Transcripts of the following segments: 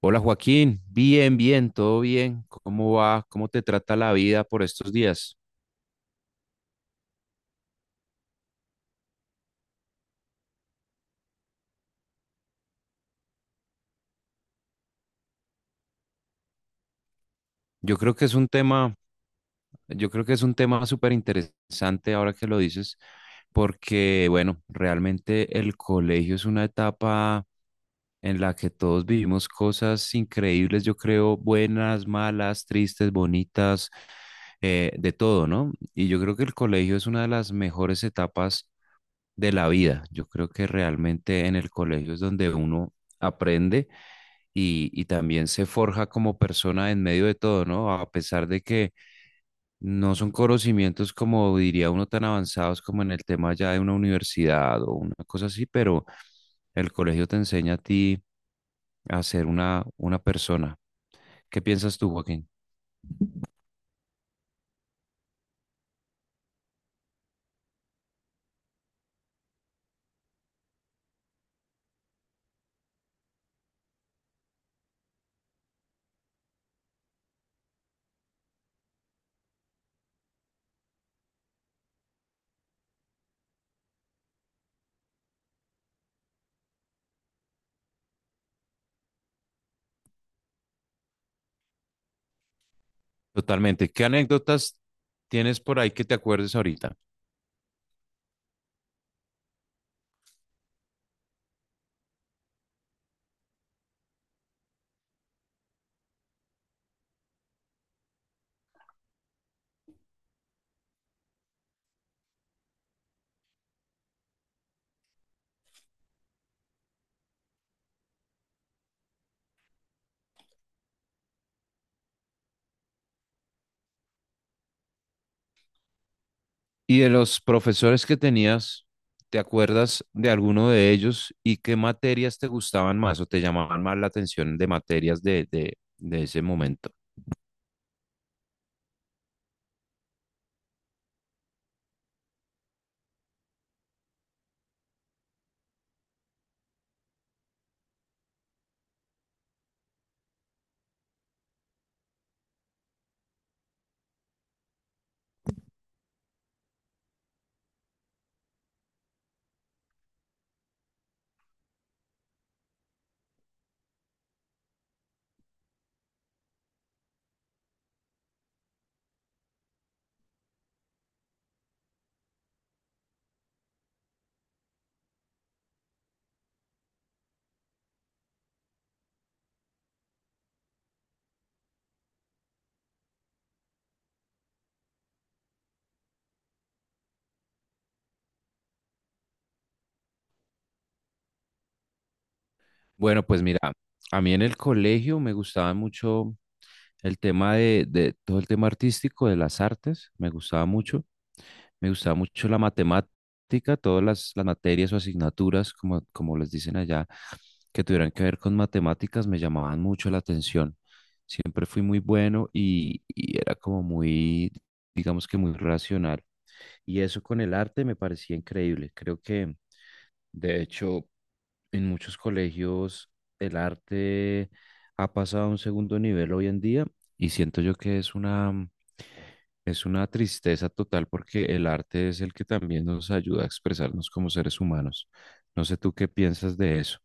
Hola Joaquín, bien, bien, todo bien. ¿Cómo va? ¿Cómo te trata la vida por estos días? Yo creo que es un tema, yo creo que es un tema súper interesante ahora que lo dices, porque bueno, realmente el colegio es una etapa en la que todos vivimos cosas increíbles, yo creo, buenas, malas, tristes, bonitas, de todo, ¿no? Y yo creo que el colegio es una de las mejores etapas de la vida. Yo creo que realmente en el colegio es donde uno aprende y también se forja como persona en medio de todo, ¿no? A pesar de que no son conocimientos como diría uno tan avanzados como en el tema ya de una universidad o una cosa así, pero el colegio te enseña a ti a ser una persona. ¿Qué piensas tú, Joaquín? Totalmente. ¿Qué anécdotas tienes por ahí que te acuerdes ahorita? Y de los profesores que tenías, ¿te acuerdas de alguno de ellos y qué materias te gustaban más o te llamaban más la atención de materias de ese momento? Bueno, pues mira, a mí en el colegio me gustaba mucho el tema de todo el tema artístico, de las artes, me gustaba mucho. Me gustaba mucho la matemática, todas las materias o asignaturas, como les dicen allá, que tuvieran que ver con matemáticas, me llamaban mucho la atención. Siempre fui muy bueno y era como muy, digamos que muy racional. Y eso con el arte me parecía increíble. Creo que, de hecho, en muchos colegios el arte ha pasado a un segundo nivel hoy en día y siento yo que es una tristeza total porque el arte es el que también nos ayuda a expresarnos como seres humanos. No sé tú qué piensas de eso.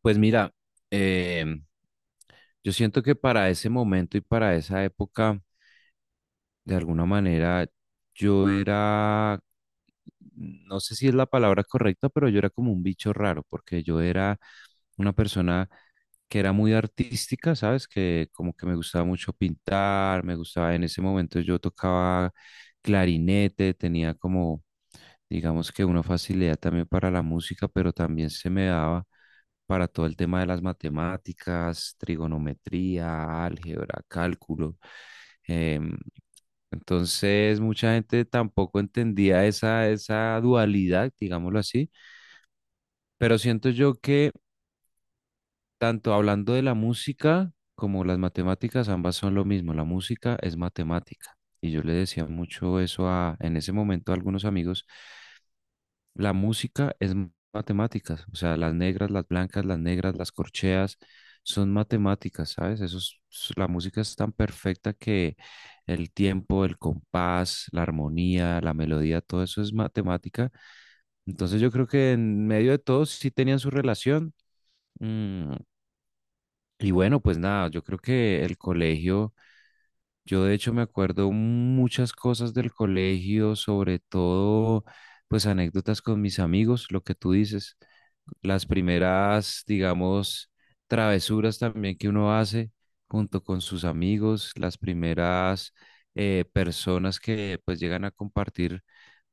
Pues mira, em, yo siento que para ese momento y para esa época de alguna manera yo era, no sé si es la palabra correcta, pero yo era como un bicho raro, porque yo era una persona que era muy artística, ¿sabes? Que como que me gustaba mucho pintar, me gustaba, en ese momento yo tocaba clarinete, tenía como, digamos que una facilidad también para la música, pero también se me daba para todo el tema de las matemáticas, trigonometría, álgebra, cálculo. em, entonces, mucha gente tampoco entendía esa dualidad, digámoslo así, pero siento yo que tanto hablando de la música como las matemáticas, ambas son lo mismo, la música es matemática. Y yo le decía mucho eso a, en ese momento a algunos amigos la música es matemáticas, o sea, las negras, las blancas, las negras, las corcheas, son matemáticas, ¿sabes? La música es tan perfecta que el tiempo, el compás, la armonía, la melodía, todo eso es matemática. Entonces yo creo que en medio de todo sí tenían su relación. mm, y bueno, pues nada, yo creo que el colegio, yo de hecho me acuerdo muchas cosas del colegio, sobre todo pues anécdotas con mis amigos, lo que tú dices las primeras, digamos, travesuras también que uno hace junto con sus amigos, las primeras personas que pues llegan a compartir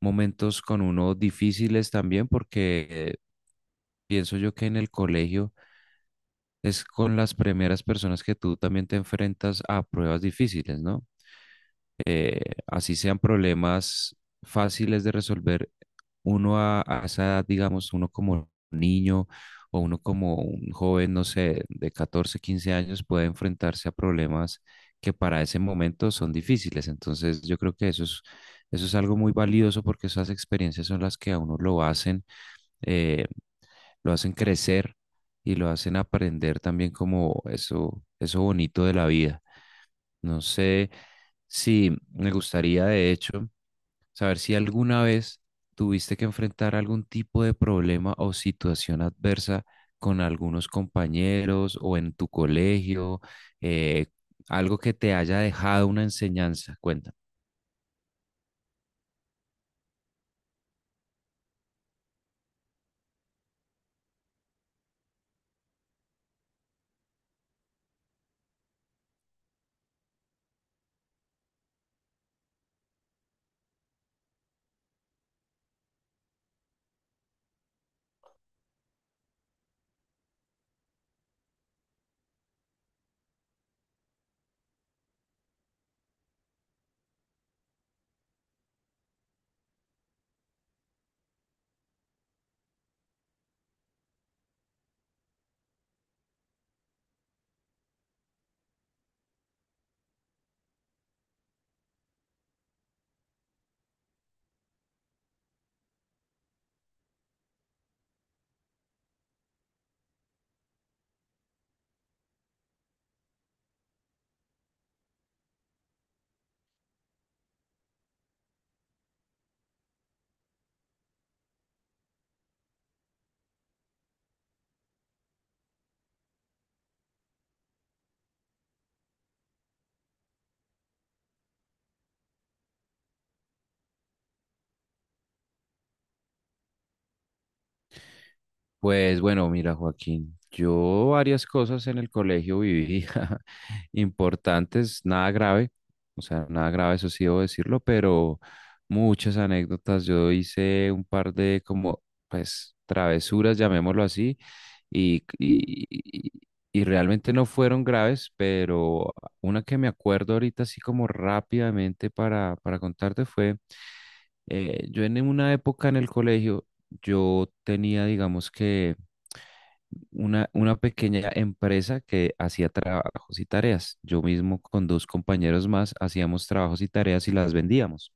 momentos con uno difíciles también, porque pienso yo que en el colegio es con las primeras personas que tú también te enfrentas a pruebas difíciles, ¿no? eh, Así sean problemas fáciles de resolver, uno a esa edad, digamos, uno como niño o uno como un joven, no sé, de 14 15 años, puede enfrentarse a problemas que para ese momento son difíciles. Entonces, yo creo que eso es algo muy valioso porque esas experiencias son las que a uno eh, lo hacen crecer y lo hacen aprender también como eso bonito de la vida. No sé si me gustaría, de hecho, saber si alguna vez tuviste que enfrentar algún tipo de problema o situación adversa con algunos compañeros o en tu colegio, eh, algo que te haya dejado una enseñanza. Cuéntame. Pues bueno, mira, Joaquín, yo varias cosas en el colegio viví importantes, nada grave, o sea, nada grave, eso sí debo decirlo, pero muchas anécdotas. Yo hice un par de como, pues, travesuras, llamémoslo así, y, y, y- y realmente no fueron graves, pero una que me acuerdo ahorita así como rápidamente para contarte fue, yo en una época en el colegio, yo tenía, digamos que una pequeña empresa que hacía trabajos y tareas. Yo mismo con dos compañeros más hacíamos trabajos y tareas y las vendíamos.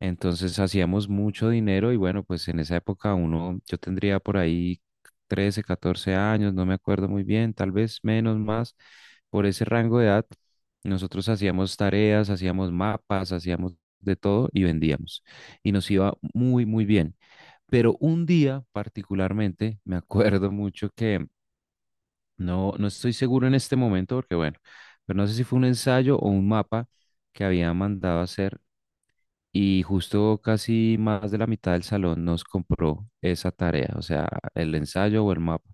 Entonces hacíamos mucho dinero y bueno, pues en esa época uno, yo tendría por ahí 13 14 años, no me acuerdo muy bien, tal vez menos, más, por ese rango de edad. Nosotros hacíamos tareas, hacíamos mapas, hacíamos de todo y vendíamos. Y nos iba muy, muy bien. Pero un día particularmente, me acuerdo mucho que no estoy seguro en este momento porque bueno, pero no sé si fue un ensayo o un mapa que había mandado a hacer y justo casi más de la mitad del salón nos compró esa tarea, o sea, el ensayo o el mapa.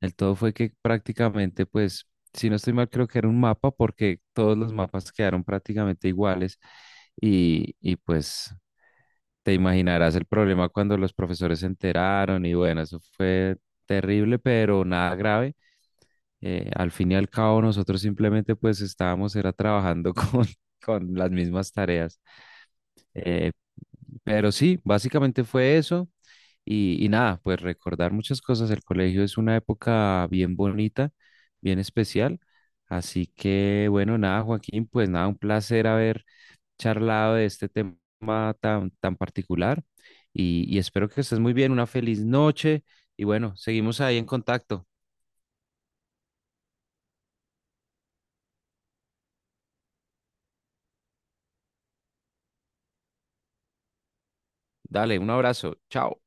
El todo fue que prácticamente, pues, si no estoy mal, creo que era un mapa porque todos los mapas quedaron prácticamente iguales y pues te imaginarás el problema cuando los profesores se enteraron y bueno, eso fue terrible, pero nada grave al fin y al cabo nosotros simplemente pues estábamos era trabajando con las mismas tareas. Eh, pero sí, básicamente fue eso y nada, pues recordar muchas cosas. El colegio es una época bien bonita, bien especial. Así que bueno, nada, Joaquín, pues nada, un placer haber charlado de este tema tan, tan particular y espero que estés muy bien, una feliz noche y bueno, seguimos ahí en contacto. Dale, un abrazo, chao.